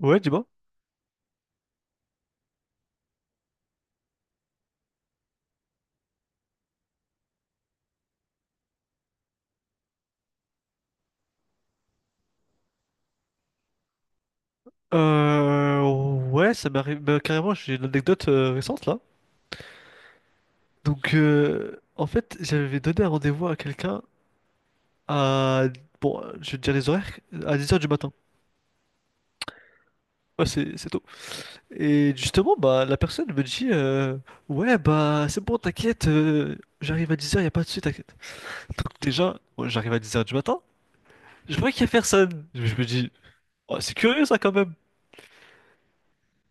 ouais, dis-moi. Euh, ouais, ça m'arrive. Bah, carrément, j'ai une anecdote récente là. Donc, en fait, j'avais donné un rendez-vous à quelqu'un à. Bon, je vais te dire les horaires, à 10 heures du matin. Ouais, c'est tôt. Et justement, bah, la personne me dit, ouais, bah, c'est bon, t'inquiète, j'arrive à 10 heures y a pas de souci, t'inquiète. Donc, déjà, moi, j'arrive à 10 heures du matin, je vois qu'il y a personne. Je me dis, Oh, c'est curieux ça quand même.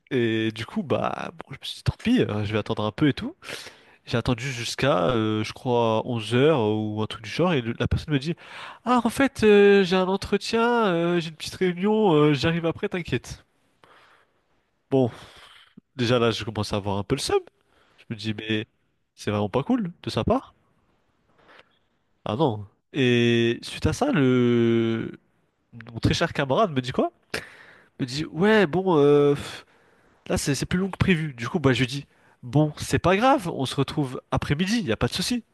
Et du coup, bah, bon, je me suis dit, Tant pis, je vais attendre un peu et tout. J'ai attendu jusqu'à, je crois, 11 heures ou un truc du genre, et la personne me dit, Ah, en fait, j'ai un entretien, j'ai une petite réunion, j'arrive après, t'inquiète. Bon, déjà là, je commence à avoir un peu le seum. Je me dis, mais c'est vraiment pas cool de sa part. Ah non. Et suite à ça, mon très cher camarade me dit quoi? Me dit, ouais, bon, là, c'est plus long que prévu. Du coup, bah, je lui dis, bon, c'est pas grave, on se retrouve après-midi, y a pas de souci.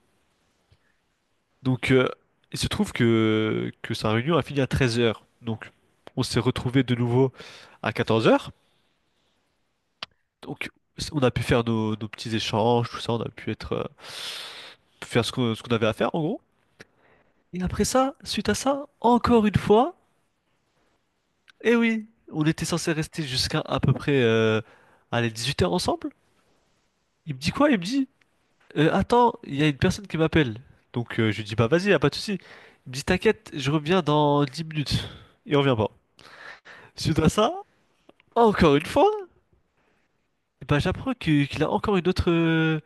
Donc, il se trouve que sa réunion a fini à 13 heures. Donc, on s'est retrouvés de nouveau à 14 heures. Donc, on a pu faire nos petits échanges, tout ça. On a pu faire ce qu'on avait à faire, en gros. Et après ça, suite à ça, encore une fois, eh oui, on était censé rester jusqu'à à peu près allez, 8 heures ensemble. Il me dit quoi? Il me dit, attends, il y a une personne qui m'appelle. Donc, je lui dis, bah vas-y, y a pas de souci. Il me dit, t'inquiète, je reviens dans 10 minutes. Il revient pas. Suite à ça, encore une fois, bah, j'apprends qu'il a encore une autre, euh,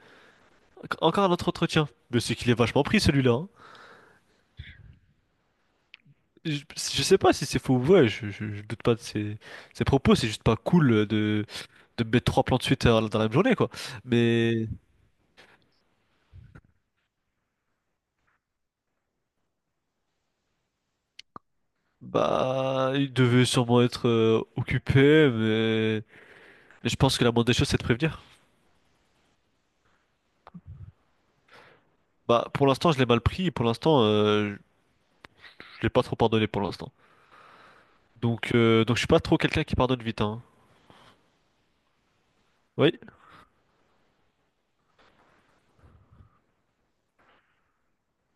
encore un autre entretien. Mais c'est qu'il est vachement pris celui-là, hein. Je sais pas si c'est faux ou vrai, je doute pas de ses propos, c'est juste pas cool de mettre trois plans de suite dans la même journée, quoi. Mais, bah, il devait sûrement être occupé, mais je pense que la moindre des choses, c'est de prévenir. Bah, pour l'instant, je l'ai mal pris, et pour l'instant, je l'ai pas trop pardonné pour l'instant. Donc je suis pas trop quelqu'un qui pardonne vite, hein. Oui.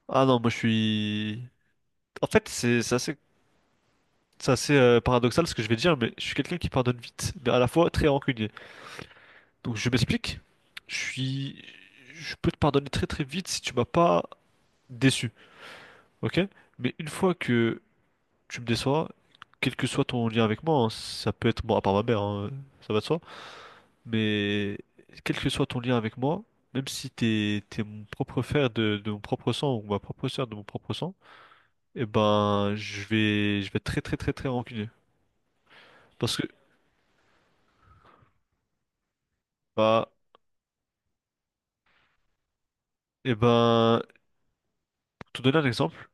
Ah non, moi je suis... En fait, c'est assez paradoxal ce que je vais dire, mais je suis quelqu'un qui pardonne vite, mais à la fois très rancunier. Donc je m'explique, je suis... Je peux te pardonner très très vite si tu m'as pas déçu, ok? Mais une fois que tu me déçois, quel que soit ton lien avec moi, hein, ça peut être... Bon, à part ma mère, hein, ça va de soi, mais quel que soit ton lien avec moi, même si t'es mon propre frère de mon propre sang ou ma propre sœur de mon propre sang. Eh ben, je vais être très très très très rancunier. Parce que, bah, eh ben, pour te donner un exemple,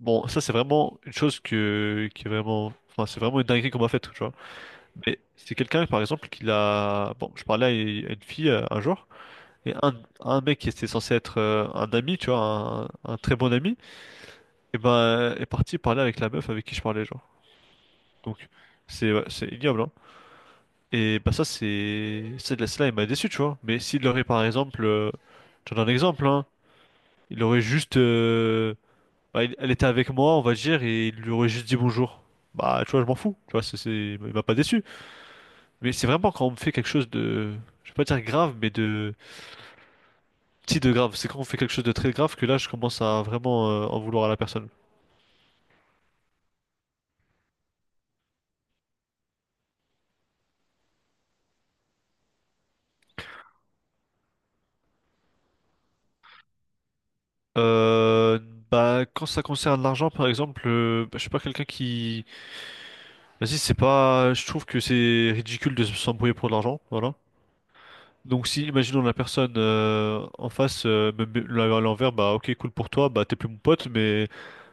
bon, ça c'est vraiment une chose qui est vraiment, enfin, c'est vraiment une dinguerie qu'on m'a faite, tu vois. Mais c'est quelqu'un, par exemple, qui l'a, bon, je parlais à une fille un jour, et un mec qui était censé être un ami, tu vois, un très bon ami, eh ben, est parti parler avec la meuf avec qui je parlais, genre. Donc, c'est, ouais, c'est ignoble, hein. Et bah ça c'est cette là il m'a déçu tu vois. Mais s'il aurait par exemple je te donne un exemple hein, il aurait juste bah, elle était avec moi on va dire et il lui aurait juste dit bonjour. Bah tu vois je m'en fous, tu vois il m'a pas déçu. Mais c'est vraiment quand on me fait quelque chose de je vais pas dire grave mais de petit de grave, c'est quand on fait quelque chose de très grave que là je commence à vraiment en vouloir à la personne. Euh, bah quand ça concerne l'argent par exemple, bah, je suis pas quelqu'un qui Vas-y, c'est pas. Je trouve que c'est ridicule de s'embrouiller pour de l'argent, voilà. Donc si, imaginons la personne en face me met à l'envers, bah ok, cool pour toi, bah t'es plus mon pote, mais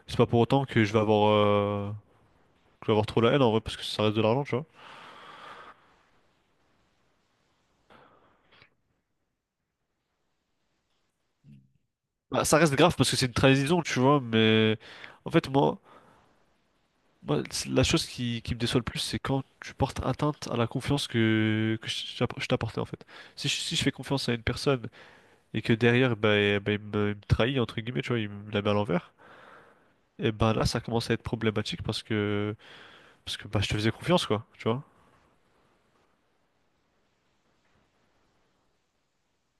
c'est pas pour autant que je vais avoir, trop la haine en vrai, parce que ça reste de l'argent, tu vois. Bah, ça reste grave parce que c'est une trahison, tu vois, mais en fait, moi, c'est la chose qui me déçoit le plus, c'est quand tu portes atteinte à la confiance que je t'apportais en fait. Si je fais confiance à une personne et que derrière, bah, eh ben, il me trahit, entre guillemets, tu vois, il me la met à l'envers, et bah là, ça commence à être problématique parce que bah, je te faisais confiance, quoi, tu vois.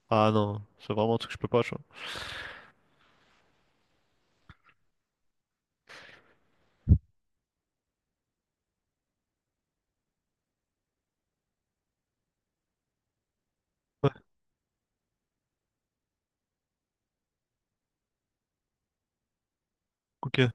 Ah non, c'est vraiment un truc que je peux pas, tu vois. Ouais, ok,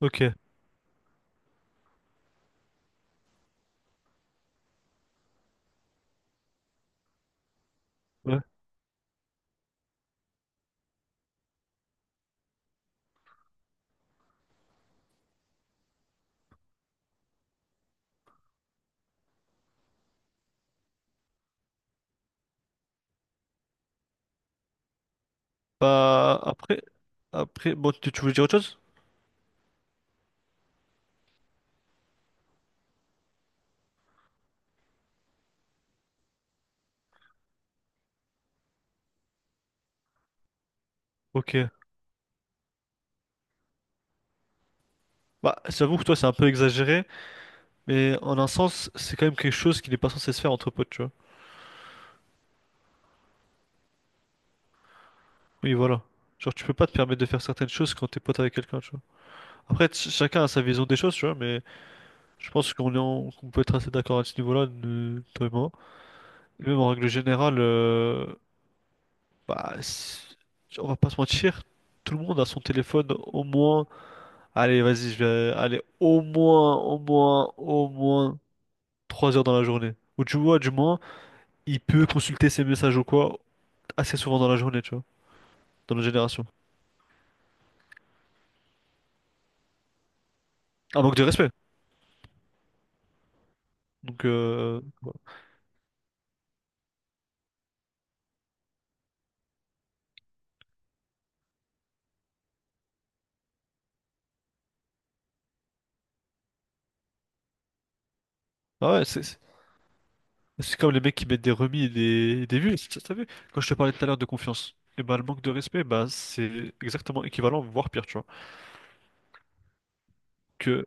ok, ouais. Bah, après, bon, tu voulais dire autre chose? Ok. Bah, j'avoue que toi, c'est un peu exagéré, mais en un sens, c'est quand même quelque chose qui n'est pas censé se faire entre potes, tu vois. Oui, voilà. Genre, tu peux pas te permettre de faire certaines choses quand t'es pote avec quelqu'un, tu vois. Après, chacun a sa vision des choses, tu vois, mais je pense qu'on est qu'on peut être assez d'accord à ce niveau-là, toi et moi. Et même en règle générale, bah, on va pas se mentir, tout le monde a son téléphone au moins. Allez, vas-y, je vais aller au moins 3 heures dans la journée. Ou tu vois, du moins, il peut consulter ses messages ou quoi assez souvent dans la journée, tu vois, dans notre génération. Un manque de respect. Donc, voilà. Ah ouais, c'est comme les mecs qui mettent des remis et des vues. T'as vu? Quand je te parlais tout à l'heure de confiance, et bah, le manque de respect, bah, c'est exactement équivalent, voire pire, tu vois. Que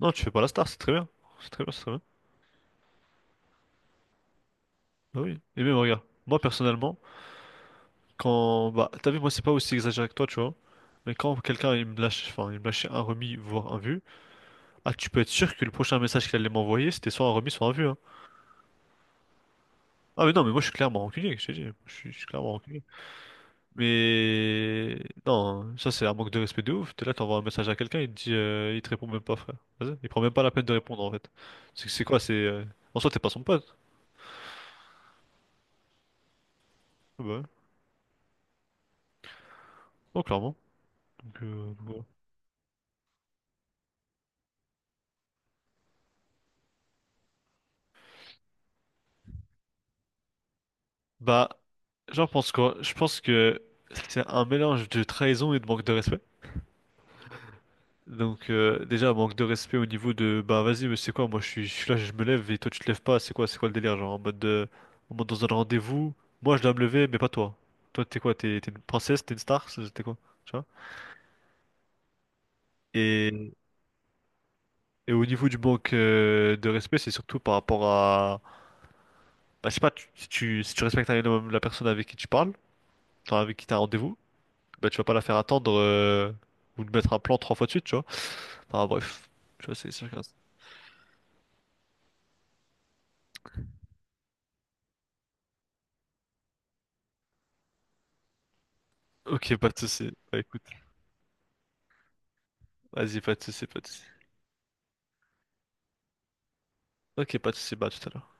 non, tu fais pas la star, c'est très bien. C'est très bien, c'est très bien. Bah oui. Et même, regarde, moi personnellement, quand. Bah, t'as vu, moi, c'est pas aussi exagéré que toi, tu vois. Mais quand quelqu'un il me lâche, enfin, il me lâchait un remis, voire un vu, ah, tu peux être sûr que le prochain message qu'il allait m'envoyer, c'était soit un remis, soit un vu, hein. Ah, mais non, mais moi, je suis clairement rancunier, je t'ai dit. Je suis clairement rancunier. Mais non, hein. Ça c'est un manque de respect de ouf. T'es là, t'envoies un message à quelqu'un, il te répond même pas, frère. Vas-y, il prend même pas la peine de répondre en fait. C'est quoi, c'est en soi t'es pas son pote. Ah bah, ouais. Non, clairement. Donc, voilà. Bah, j'en pense quoi? Je pense que c'est un mélange de trahison et de manque de respect. Donc déjà manque de respect au niveau de bah vas-y mais c'est quoi moi je suis là je me lève et toi tu te lèves pas c'est quoi le délire genre en mode en mode dans un rendez-vous moi je dois me lever mais pas toi toi t'es quoi t'es une princesse t'es une star t'es quoi tu vois et, et au niveau du manque de respect c'est surtout par rapport à bah je sais pas si tu respectes un minimum la personne avec qui tu parles enfin avec qui t'as un rendez-vous bah tu vas pas la faire attendre ou lui mettre un plan trois fois de suite tu vois enfin bref tu vois Ok pas de soucis. Bah, écoute, vas-y, pas de soucis, pas de soucis. Ok, pas de soucis, bah à tout à l'heure.